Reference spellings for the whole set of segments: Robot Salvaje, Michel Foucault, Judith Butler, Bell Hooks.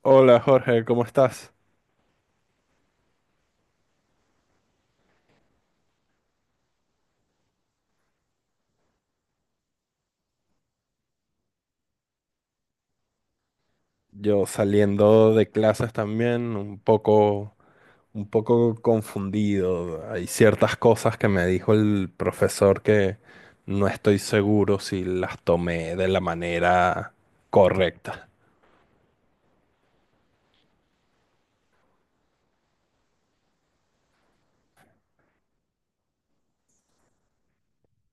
Hola Jorge, ¿cómo estás? Yo saliendo de clases también, un poco confundido. Hay ciertas cosas que me dijo el profesor que no estoy seguro si las tomé de la manera correcta.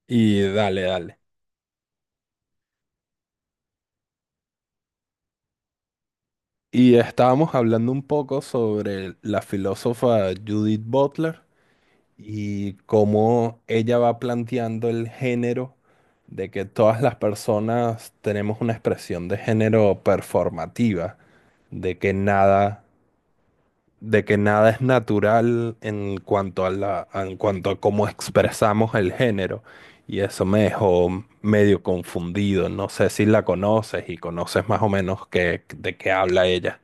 Y dale, dale. Y estábamos hablando un poco sobre la filósofa Judith Butler. Y cómo ella va planteando el género de que todas las personas tenemos una expresión de género performativa, de que nada, de que nada es natural en cuanto a en cuanto a cómo expresamos el género. Y eso me dejó medio confundido. No sé si la conoces y conoces más o menos de qué habla ella.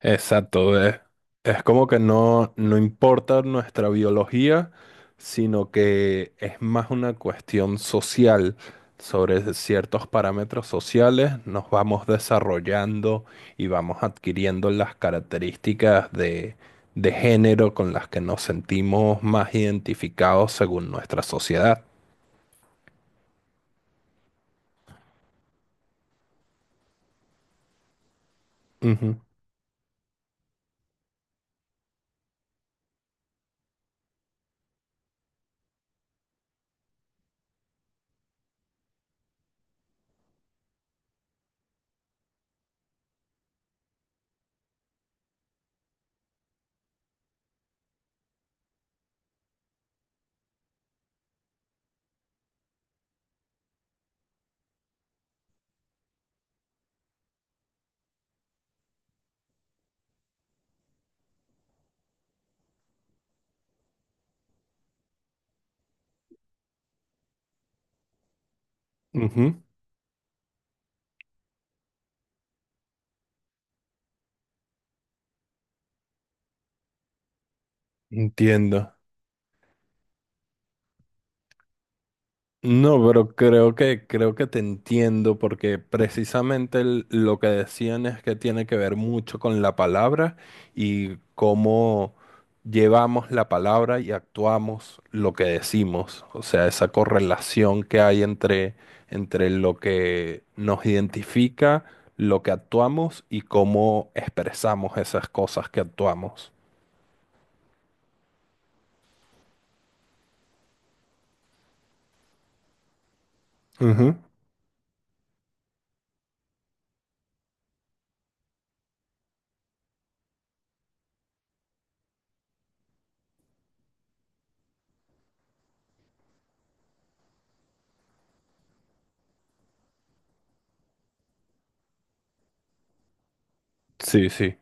Exacto, es como que no importa nuestra biología, sino que es más una cuestión social. Sobre ciertos parámetros sociales nos vamos desarrollando y vamos adquiriendo las características de género con las que nos sentimos más identificados según nuestra sociedad. Ujú, ujú, entiendo. No, pero creo que te entiendo porque precisamente lo que decían es que tiene que ver mucho con la palabra y cómo llevamos la palabra y actuamos lo que decimos, o sea, esa correlación que hay entre lo que nos identifica, lo que actuamos y cómo expresamos esas cosas que actuamos. Ujú. Sí, sí.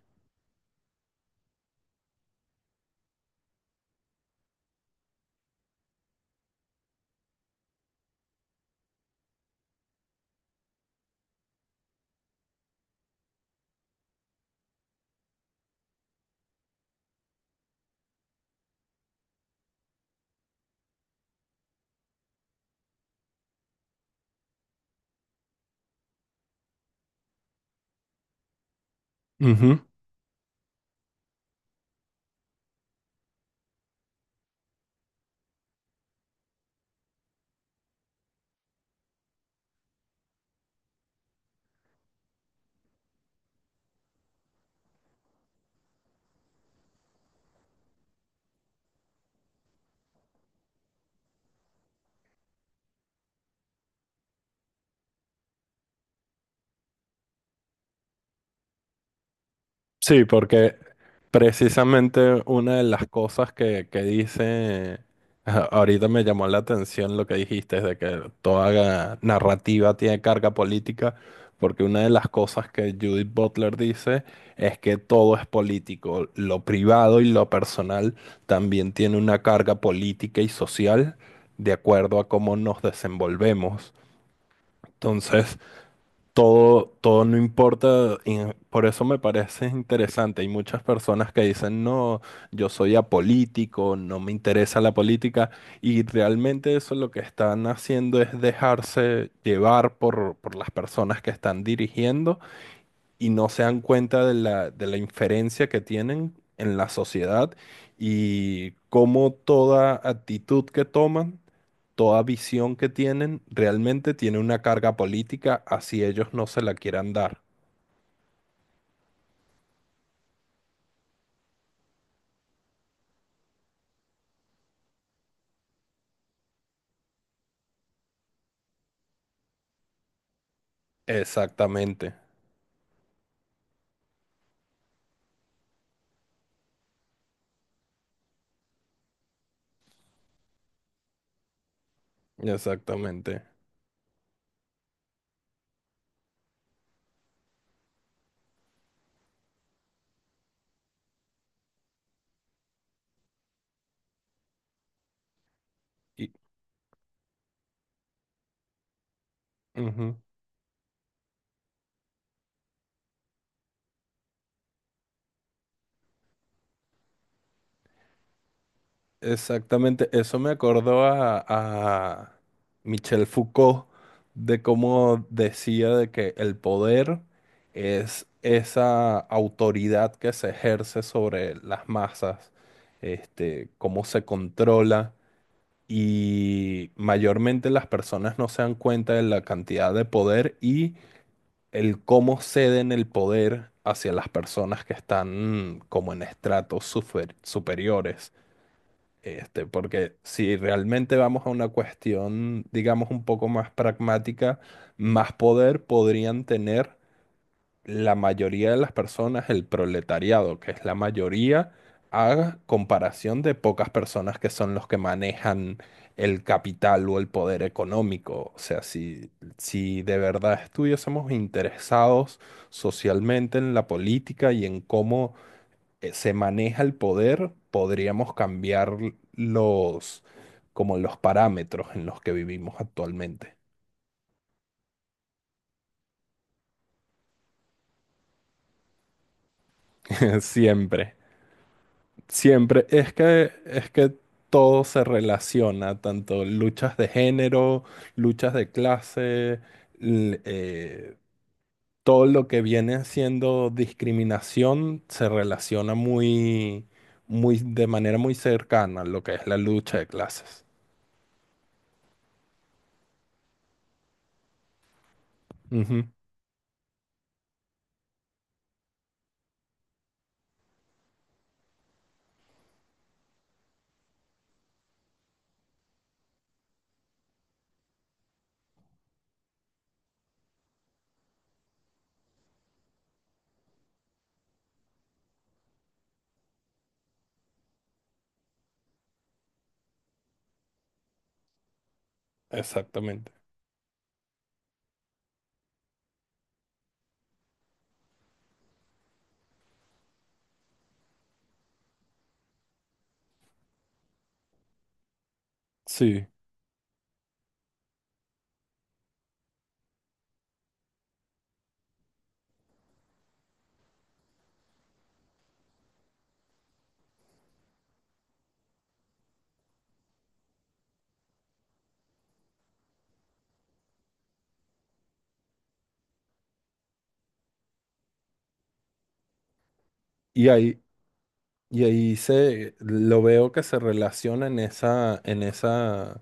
Ujú. Sí, porque precisamente una de las cosas que dice, ahorita me llamó la atención lo que dijiste, de que toda narrativa tiene carga política, porque una de las cosas que Judith Butler dice es que todo es político, lo privado y lo personal también tiene una carga política y social de acuerdo a cómo nos desenvolvemos. Entonces, todo no importa, y por eso me parece interesante. Hay muchas personas que dicen, no, yo soy apolítico, no me interesa la política, y realmente eso lo que están haciendo es dejarse llevar por las personas que están dirigiendo y no se dan cuenta de de la inferencia que tienen en la sociedad y cómo toda actitud que toman toda visión que tienen realmente tiene una carga política, así ellos no se la quieran dar. Exactamente, exactamente. Y, ujú, exactamente, eso me acordó a Michel Foucault de cómo decía de que el poder es esa autoridad que se ejerce sobre las masas, este, cómo se controla y mayormente las personas no se dan cuenta de la cantidad de poder y el cómo ceden el poder hacia las personas que están mm, como en estratos superiores. Este, porque si realmente vamos a una cuestión, digamos, un poco más pragmática, más poder podrían tener la mayoría de las personas, el proletariado, que es la mayoría, a comparación de pocas personas que son los que manejan el capital o el poder económico. O sea, si de verdad estuviésemos interesados socialmente en la política y en cómo se maneja el poder, podríamos cambiar los, como los parámetros en los que vivimos actualmente. Siempre. Siempre, es que todo se relaciona, tanto luchas de género, luchas de clase, l- eh, todo lo que viene siendo discriminación se relaciona de manera muy cercana a lo que es la lucha de clases. Ujú, exactamente. Sí. Y ahí, y ahí se lo veo que se relaciona en esa, en esa.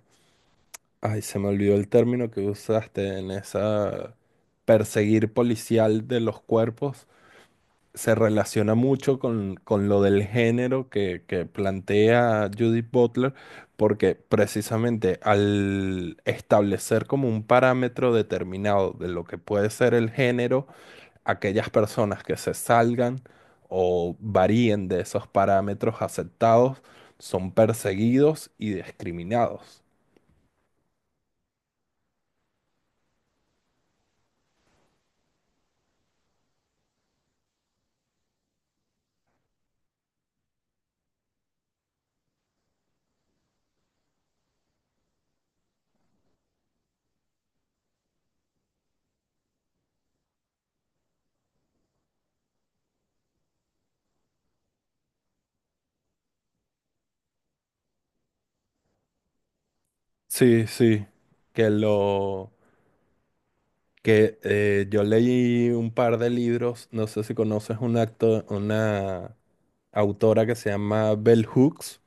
Ay, se me olvidó el término que usaste en esa perseguir policial de los cuerpos. Se relaciona mucho con lo del género que plantea Judith Butler, porque precisamente al establecer como un parámetro determinado de lo que puede ser el género, aquellas personas que se salgan o varíen de esos parámetros aceptados son perseguidos y discriminados. Sí, sí, que lo que yo leí un par de libros, no sé si conoces un acto, una autora que se llama Bell Hooks.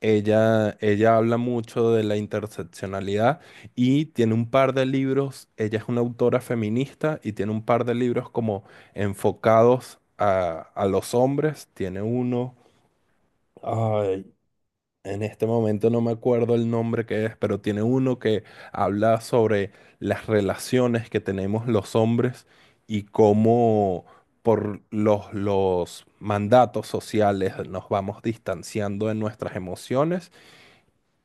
Ella habla mucho de la interseccionalidad y tiene un par de libros, ella es una autora feminista y tiene un par de libros como enfocados a los hombres, tiene uno. En este momento no me acuerdo el nombre que es, pero tiene uno que habla sobre las relaciones que tenemos los hombres y cómo por los mandatos sociales nos vamos distanciando de nuestras emociones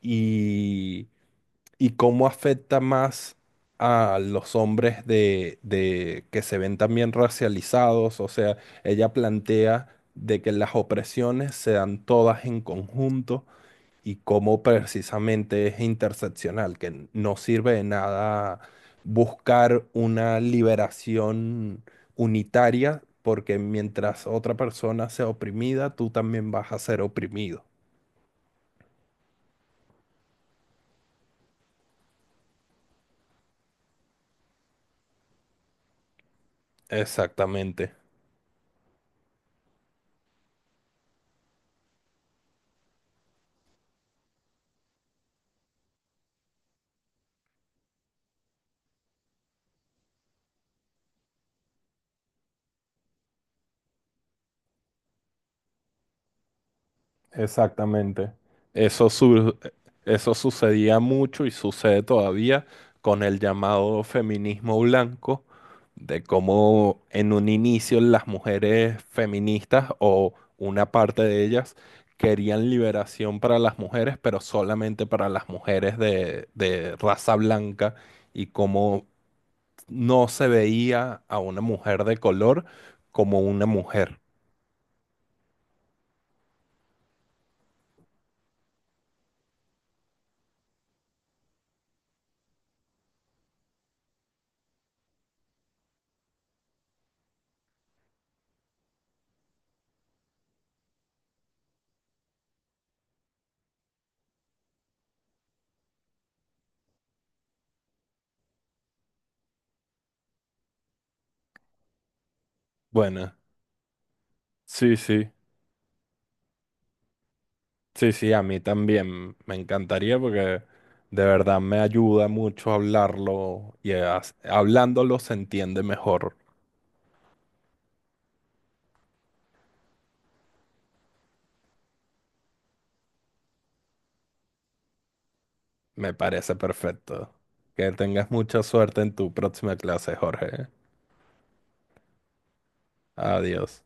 y, y cómo afecta más a los hombres de que se ven también racializados. O sea, ella plantea de que las opresiones se dan todas en conjunto y cómo precisamente es interseccional, que no sirve de nada buscar una liberación unitaria, porque mientras otra persona sea oprimida, tú también vas a ser oprimido. Exactamente. Exactamente. Eso, eso sucedía mucho y sucede todavía con el llamado feminismo blanco, de cómo en un inicio las mujeres feministas o una parte de ellas querían liberación para las mujeres, pero solamente para las mujeres de raza blanca y cómo no se veía a una mujer de color como una mujer. Bueno, sí, sí. Sí, sí, a mí también me encantaría porque de verdad me ayuda mucho hablarlo y hablándolo se entiende mejor. Me parece perfecto. Que tengas mucha suerte en tu próxima clase, Jorge. Adiós.